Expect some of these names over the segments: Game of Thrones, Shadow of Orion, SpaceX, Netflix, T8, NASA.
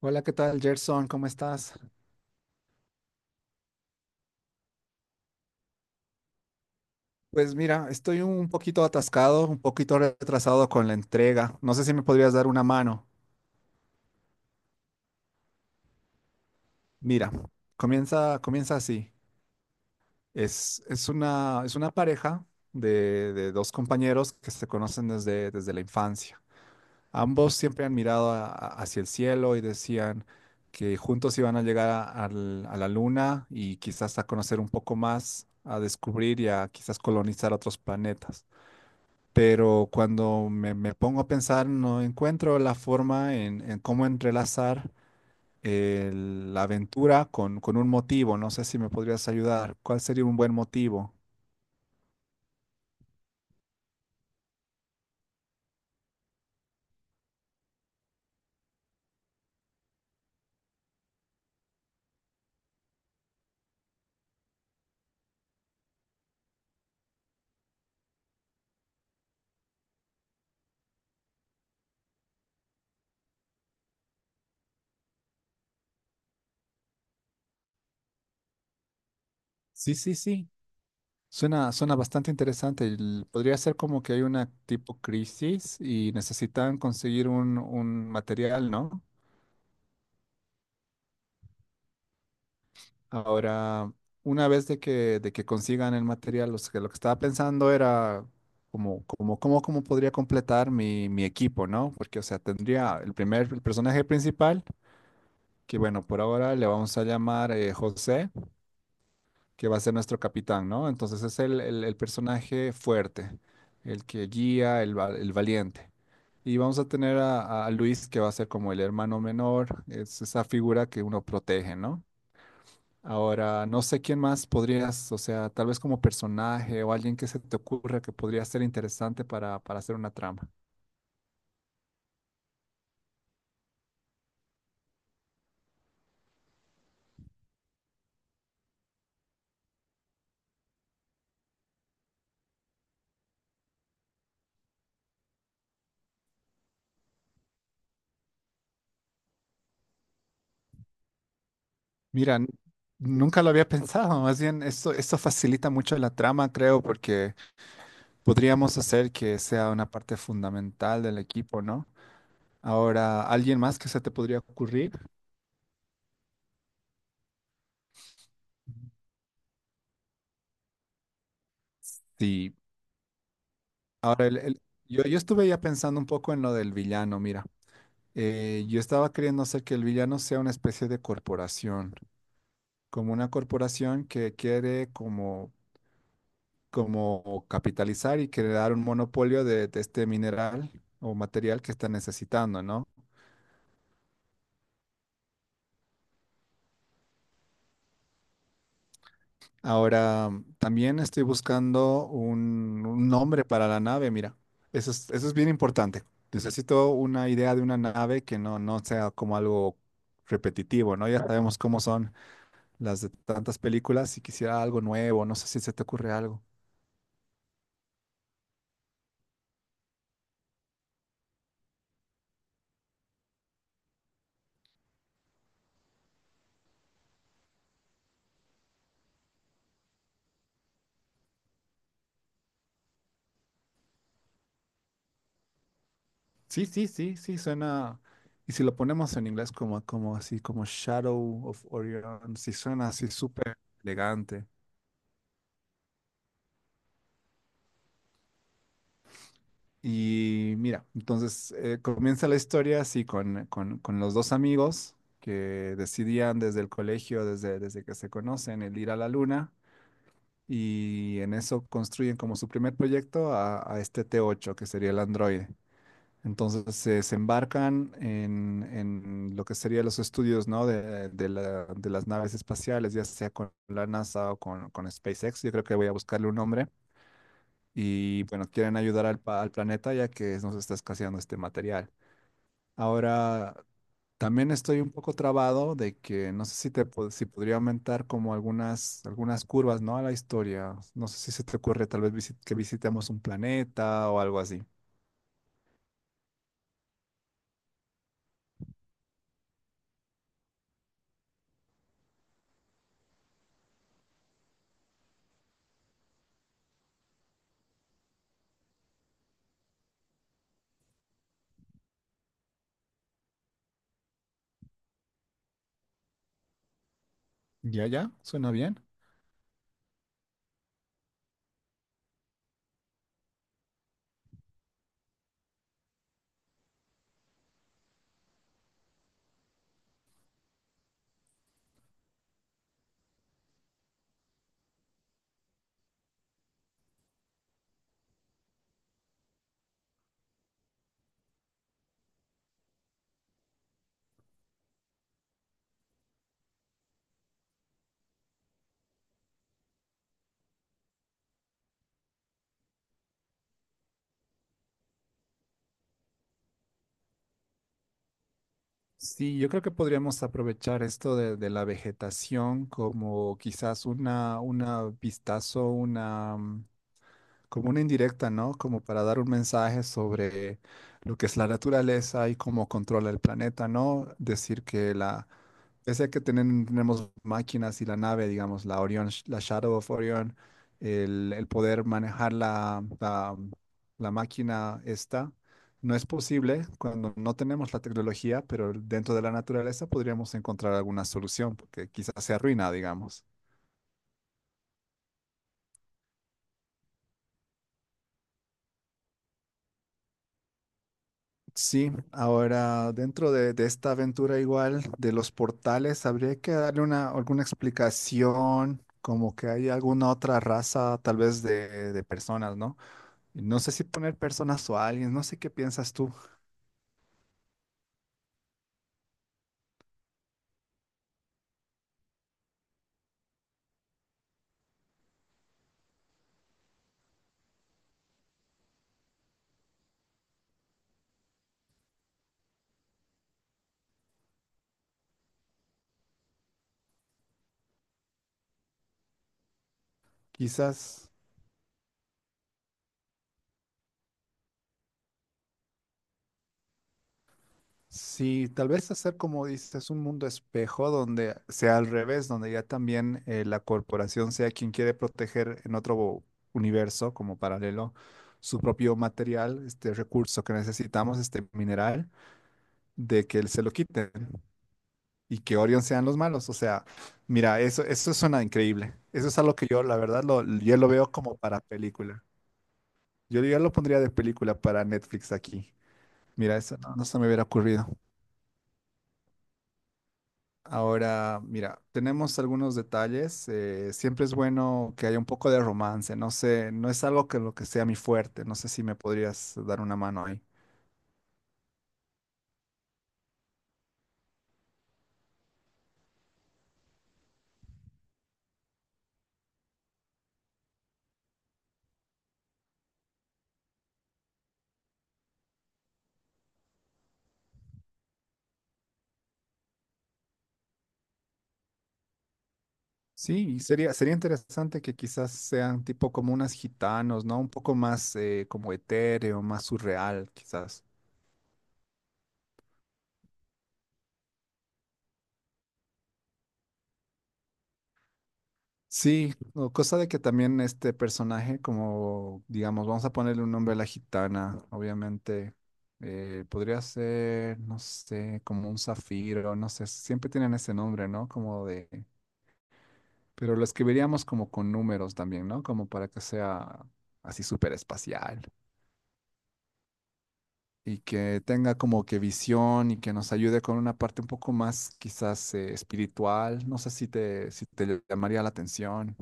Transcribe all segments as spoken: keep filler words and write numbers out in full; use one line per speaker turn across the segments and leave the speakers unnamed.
Hola, ¿qué tal, Gerson? ¿Cómo estás? Pues mira, estoy un poquito atascado, un poquito retrasado con la entrega. No sé si me podrías dar una mano. Mira, comienza, comienza así. Es, es una, es una pareja de, de dos compañeros que se conocen desde, desde la infancia. Ambos siempre han mirado a- a- hacia el cielo y decían que juntos iban a llegar a, al- a la luna y quizás a conocer un poco más, a descubrir y a quizás colonizar otros planetas. Pero cuando me, me pongo a pensar, no encuentro la forma en, en cómo entrelazar eh, la aventura con, con un motivo. No sé si me podrías ayudar. ¿Cuál sería un buen motivo? Sí, sí, sí. Suena, suena bastante interesante. El- podría ser como que hay una tipo crisis y necesitan conseguir un, un material, ¿no? Ahora, una vez de que, de que consigan el material, los que, lo que estaba pensando era como, como, cómo, cómo podría completar mi, mi equipo, ¿no? Porque, o sea, tendría el primer, el personaje principal, que bueno, por ahora le vamos a llamar eh, José. Que va a ser nuestro capitán, ¿no? Entonces es el, el- el personaje fuerte, el que guía, el, va- el valiente. Y vamos a tener a, a Luis, que va a ser como el hermano menor, es esa figura que uno protege, ¿no? Ahora, no sé quién más podrías, o sea, tal vez como personaje o alguien que se te ocurra que podría ser interesante para, para hacer una trama. Mira, n- nunca lo había pensado, más bien esto, esto facilita mucho la trama, creo, porque podríamos hacer que sea una parte fundamental del equipo, ¿no? Ahora, ¿alguien más que se te podría ocurrir? Sí. Ahora, el- el- yo, yo estuve ya pensando un poco en lo del villano, mira. Eh, yo estaba queriendo hacer que el villano sea una especie de corporación, como una corporación que quiere como, como capitalizar y crear un monopolio de, de este mineral o material que está necesitando, ¿no? Ahora, también estoy buscando un, un nombre para la nave, mira. Eso es, eso es bien importante. Necesito una idea de una nave que no, no sea como algo repetitivo, ¿no? Ya sabemos cómo son las de tantas películas y quisiera algo nuevo, no sé si se te ocurre algo. Sí, sí, sí, sí, suena. Y si lo ponemos en inglés como, como así, como Shadow of Orion, sí suena así súper elegante. Y mira, entonces eh, comienza la historia así con, con- con los dos amigos que decidían desde el colegio, desde, desde que se conocen, el ir a la luna y en eso construyen como su primer proyecto a, a este T ocho, que sería el androide. Entonces se se embarcan en, en lo que serían los estudios, ¿no? de, de la- de las naves espaciales, ya sea con la NASA o con, con SpaceX. Yo creo que voy a buscarle un nombre y bueno, quieren ayudar al, pa- al planeta ya que nos está escaseando este material. Ahora, también estoy un poco trabado de que no sé si te pod- si podría aumentar como algunas algunas curvas, ¿no?, a la historia. No sé si se te ocurre tal vez visi- que visitemos un planeta o algo así. Ya, ya, suena bien. Sí, yo creo que podríamos aprovechar esto de, de la vegetación como quizás una, una vistazo, una, como una indirecta, ¿no? Como para dar un mensaje sobre lo que es la naturaleza y cómo controla el planeta, ¿no? Decir que la, pese a que tenen- tenemos máquinas y la nave, digamos, la Orion, sh- la Shadow of Orion, el, el poder manejar la, la, la máquina esta, no es posible cuando no tenemos la tecnología, pero dentro de la naturaleza podríamos encontrar alguna solución, porque quizás se arruina, digamos. Sí, ahora dentro de, de esta aventura igual de los portales, habría que darle una, alguna explicación, como que hay alguna otra raza tal vez de, de personas, ¿no? Y no sé si poner personas o aliens, no sé qué piensas tú. Quizás, sí, tal vez hacer como dices, un mundo espejo donde sea al revés, donde ya también eh, la corporación sea quien quiere proteger en otro universo como paralelo su propio material, este recurso que necesitamos, este mineral de que se lo quiten y que Orion sean los malos. O sea, mira, eso, eso suena increíble. Eso es algo que yo, la verdad, lo, yo lo veo como para película. Yo ya lo pondría de película para Netflix aquí. Mira, eso no, no se me hubiera ocurrido. Ahora, mira, tenemos algunos detalles. eh, siempre es bueno que haya un poco de romance. No sé, no es algo que lo que sea mi fuerte. No sé si me podrías dar una mano ahí. Sí, y sería, sería interesante que quizás sean tipo como unas gitanos, ¿no? Un poco más eh, como etéreo, más surreal, quizás. Sí, o cosa de que también este personaje, como digamos, vamos a ponerle un nombre a la gitana, obviamente, eh, podría ser, no sé, como un zafiro, no sé, siempre tienen ese nombre, ¿no? Como de, pero lo escribiríamos como con números también, ¿no? Como para que sea así súper espacial. Y que tenga como que visión y que nos ayude con una parte un poco más quizás eh, espiritual. No sé si te, si te llamaría la atención.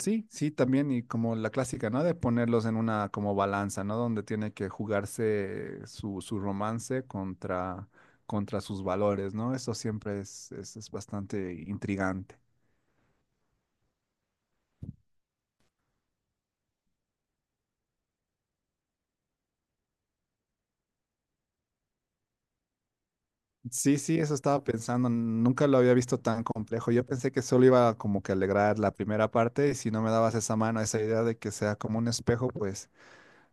Sí, sí, también y como la clásica, ¿no? De ponerlos en una como balanza, ¿no? Donde tiene que jugarse su, su romance contra, contra sus valores, ¿no? Eso siempre es, es es bastante intrigante. Sí, sí, eso estaba pensando. Nunca lo había visto tan complejo. Yo pensé que solo iba como que a alegrar la primera parte y si no me dabas esa mano, esa idea de que sea como un espejo, pues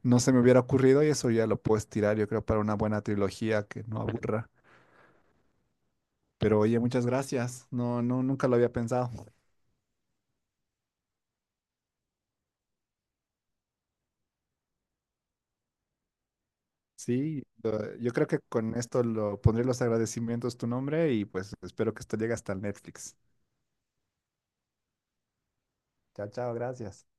no se me hubiera ocurrido y eso ya lo puedes tirar, yo creo, para una buena trilogía que no aburra. Pero oye, muchas gracias. No, no, nunca lo había pensado. Sí, lo- yo creo que con esto lo pondré los agradecimientos tu nombre y pues espero que esto llegue hasta el Netflix. Chao, chao, gracias.